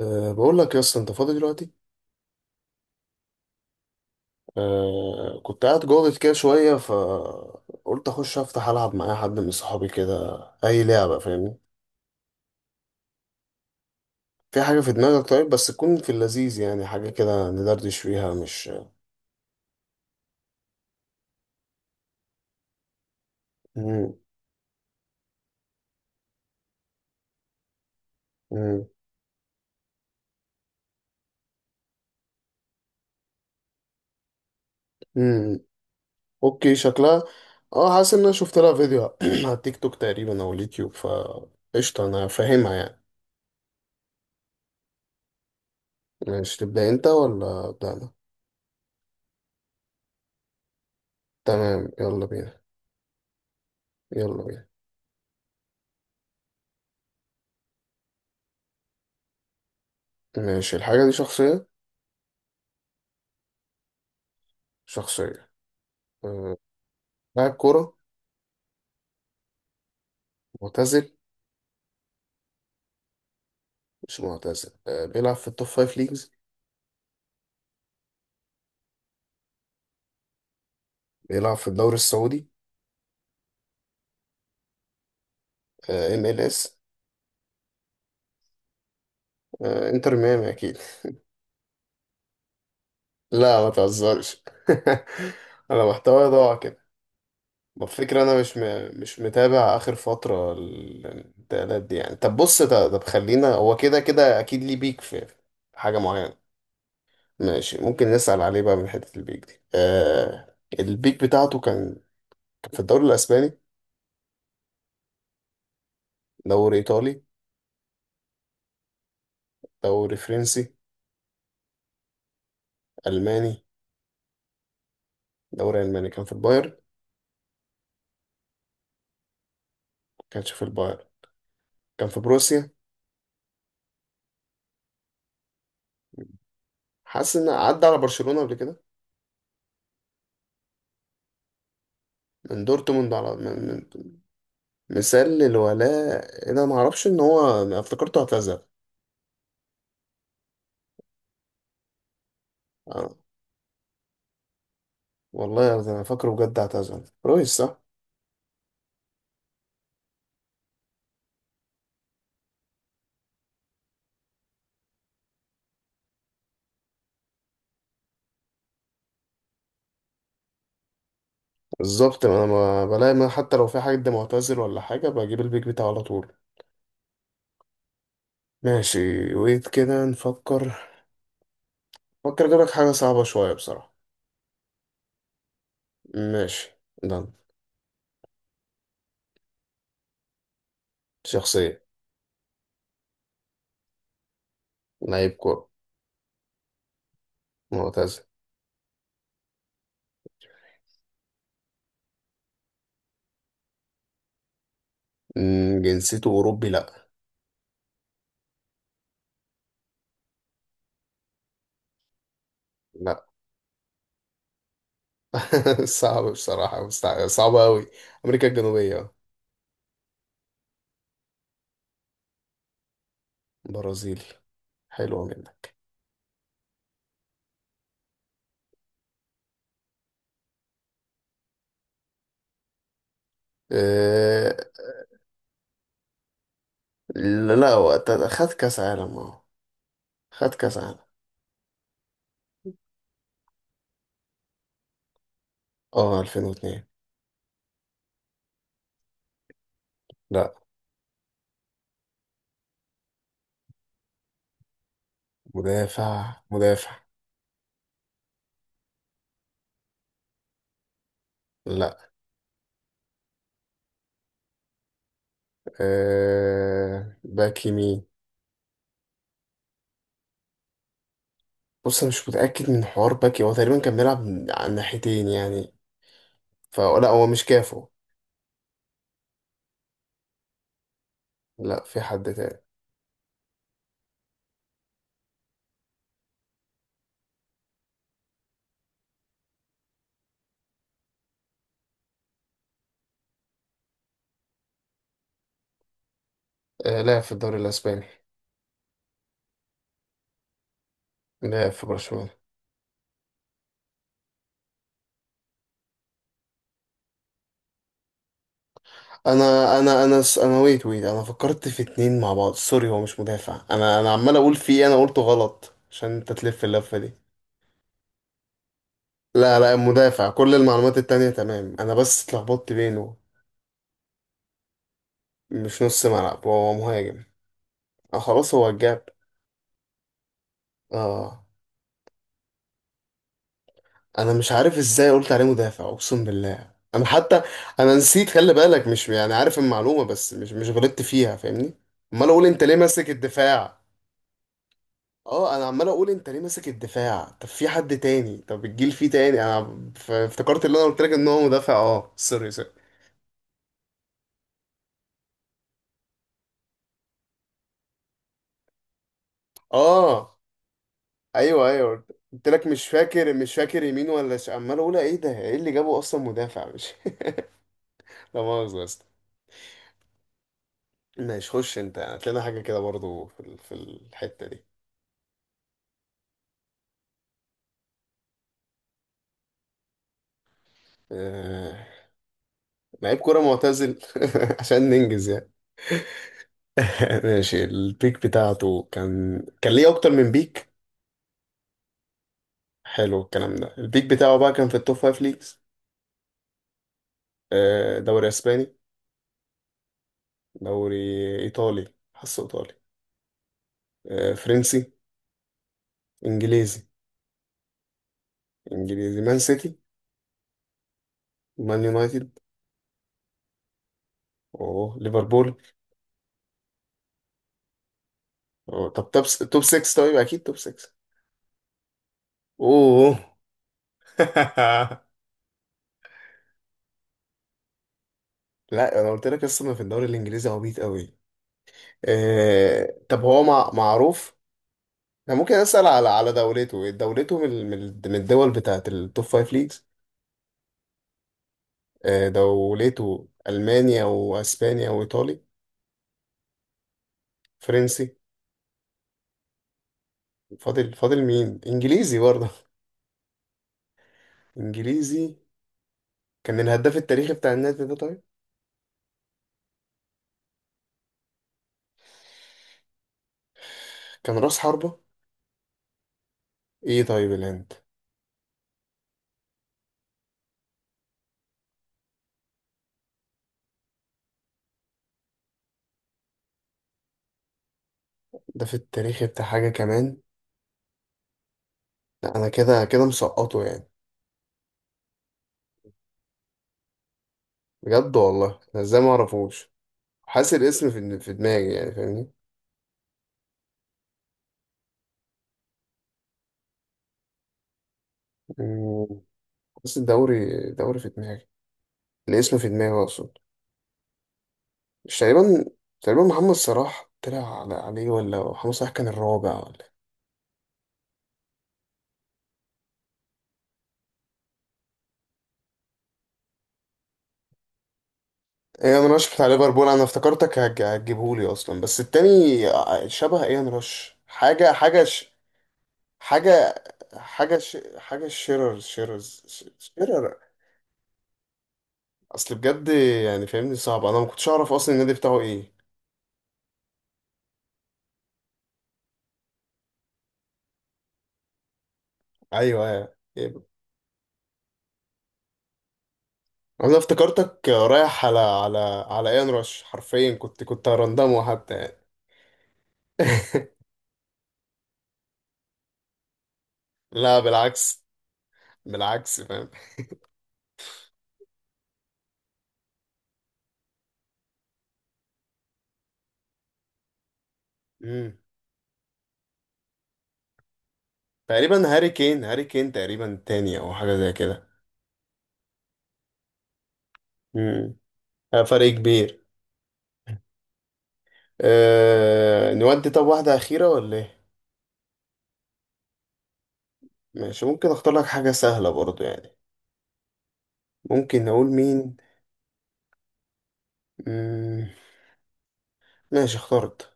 بقول لك يا اسطى انت فاضي دلوقتي. كنت قاعد جوه كده شويه، فقلت اخش افتح العب مع أي حد من صحابي كده، اي لعبه فاهمني. في حاجه في دماغك طيب، بس تكون في اللذيذ يعني، حاجه كده ندردش فيها مش. مم. مم. مم. اوكي شكلها. اه حاسس ان انا شفت لها فيديو على التيك توك تقريبا او اليوتيوب ف قشطه انا فاهمها يعني. ماشي تبدا انت ولا ابدا انا؟ تمام يلا بينا. يلا بينا. ماشي الحاجه دي شخصيه. شخصيه. آه، لاعب كورة معتزل. مش معتزل، آه، بيلعب في التوب فايف ليجز. بيلعب في الدوري السعودي. ام ال اس. انتر ميامي اكيد. لا ما تهزرش. انا محتوى ضاع كده. ما الفكرة انا مش متابع اخر فترة الانتقالات دي يعني. طب بص، طب خلينا، هو كده كده اكيد ليه بيك في حاجة معينة. ماشي، ممكن نسأل عليه بقى من حتة البيك دي. البيك بتاعته كان كان في الدوري الاسباني. دوري ايطالي. دوري فرنسي. الماني. دوري الماني، كان في البايرن؟ ما كانش في البايرن. كان في بروسيا. حاسس ان عدى على برشلونة قبل كده. من دورتموند على من مثال للولاء. انا ما اعرفش ان هو، أنا افتكرته اعتزل. آه. والله يا أرض، انا فاكره بجد اعتزل رويس صح. بالظبط، انا ما بلاقي، ما حتى لو في حد معتزل ولا حاجة بجيب البيك بتاعه على طول. ماشي ويت كده نفكر. فكر اجيب لك حاجة صعبة شوية بصراحة. ماشي. ده شخصية. لعيب كورة. معتزل. مم، جنسيته أوروبي لأ. لا. صعب بصراحة صعبة أوي. أمريكا الجنوبية أهو. برازيل. حلوة جدا. أه... لا وقت خد كأس عالم أهو. خد كأس عالم. أه 2002. لا. مدافع. لا. أه... باك يمين. بص أنا مش متأكد من حوار باك، هو تقريبا كان بيلعب على الناحيتين يعني، فلا هو مش كافو. لا في حد تاني. لا في الدوري الأسباني. لا في برشلونة. انا ويت انا فكرت في اتنين مع بعض، سوري، هو مش مدافع. انا عمال اقول في ايه، انا قلته غلط عشان انت تلف اللفه دي. لا لا، مدافع، كل المعلومات التانية تمام، انا بس اتلخبطت بينه. مش نص ملعب، هو مهاجم. اه خلاص هو الجاب. اه انا مش عارف ازاي قلت عليه مدافع اقسم بالله. انا حتى انا نسيت، خلي بالك مش يعني عارف المعلومه، بس مش غلطت فيها فاهمني. امال اقول انت ليه ماسك الدفاع. اه انا عمال اقول انت ليه ماسك الدفاع. طب في حد تاني، طب الجيل فيه تاني، انا افتكرت اللي انا قلت لك ان هو مدافع. اه سوري. اه ايوه ايوه قلت لك مش فاكر، مش فاكر يمين ولا عمال اقول ايه ده، ايه اللي جابه اصلا مدافع مش. لا مؤاخذة يا اسطى. ماشي، خش انت هتلاقينا حاجه كده برضو في في الحته دي. آه... لعيب كوره معتزل. عشان ننجز يعني. ماشي، البيك بتاعته كان كان ليه اكتر من بيك. حلو الكلام ده. البيك بتاعه بقى كان في التوب فايف ليجز. آه، دوري اسباني. دوري ايطالي، حاسه ايطالي. آه، فرنسي. انجليزي. انجليزي، مان سيتي. مان يونايتد. اوه ليفربول. أوه. طب توب، توب 6. طيب اكيد توب 6. اوه. لا انا قلت لك اصلا في الدوري الانجليزي عبيط قوي. آه، طب هو معروف. انا ممكن اسال على على دولته، دولته من من الدول بتاعت التوب 5 ليجز. آه، دولته المانيا واسبانيا وايطالي. فرنسي. فاضل فاضل مين، انجليزي برضه. انجليزي. كان الهداف التاريخي بتاع النادي ده طيب. كان راس حربة. ايه طيب الهند. الهداف التاريخي بتاع حاجة كمان. لا انا كده كده مسقطه يعني. بجد والله، انا ازاي ما اعرفوش. حاسس الاسم في دماغي يعني فاهمني. مم، حاسس الدوري. دوري في دماغي. الاسم في دماغي اقصد. مش تقريبا، تقريبا محمد صلاح طلع عليه، ولا محمد صلاح كان الرابع ولا؟ ايه، ان رش بتاع ليفربول؟ انا افتكرتك هتجيبهولي اصلا، بس التاني شبه ايه ان رش. حاجه حاجه حاجه شيرر. شيرر. اصل بجد يعني فاهمني صعب، انا ما كنتش اعرف اصلا النادي بتاعه ايه. ايوه. إيه. انا افتكرتك رايح على على ايه، ان رش، حرفيا كنت هرندمه حتى يعني. لا بالعكس. بالعكس فاهم. مم. تقريبا هاري كين، هاري كين تقريبا تاني او حاجه زي كده. مم. آه، فرق كبير. أه نودي، طب واحدة أخيرة ولا إيه؟ ماشي، ممكن أختار لك حاجة سهلة برضو يعني. ممكن نقول مين؟ مم، ماشي اخترت.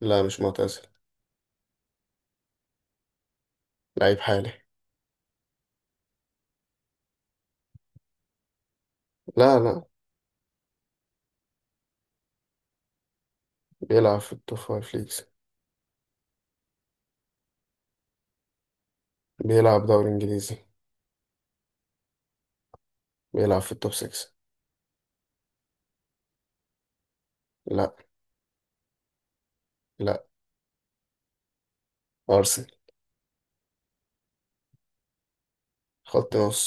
لا مش معتزل. لعيب حالي. لا. لا. بيلعب في التوب فايف ليجز. بيلعب دوري إنجليزي. بيلعب في التوب 6. لا. لا. أرسنال. خط نص.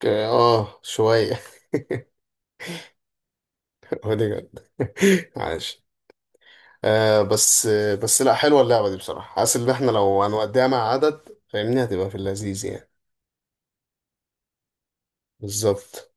آه شوية. أوديجارد. عاش. آه بس. بس لا، حلوة اللعبة دي بصراحة، حاسس إن إحنا لو هنوديها مع عدد فاهمني هتبقى في اللذيذ يعني. بالظبط.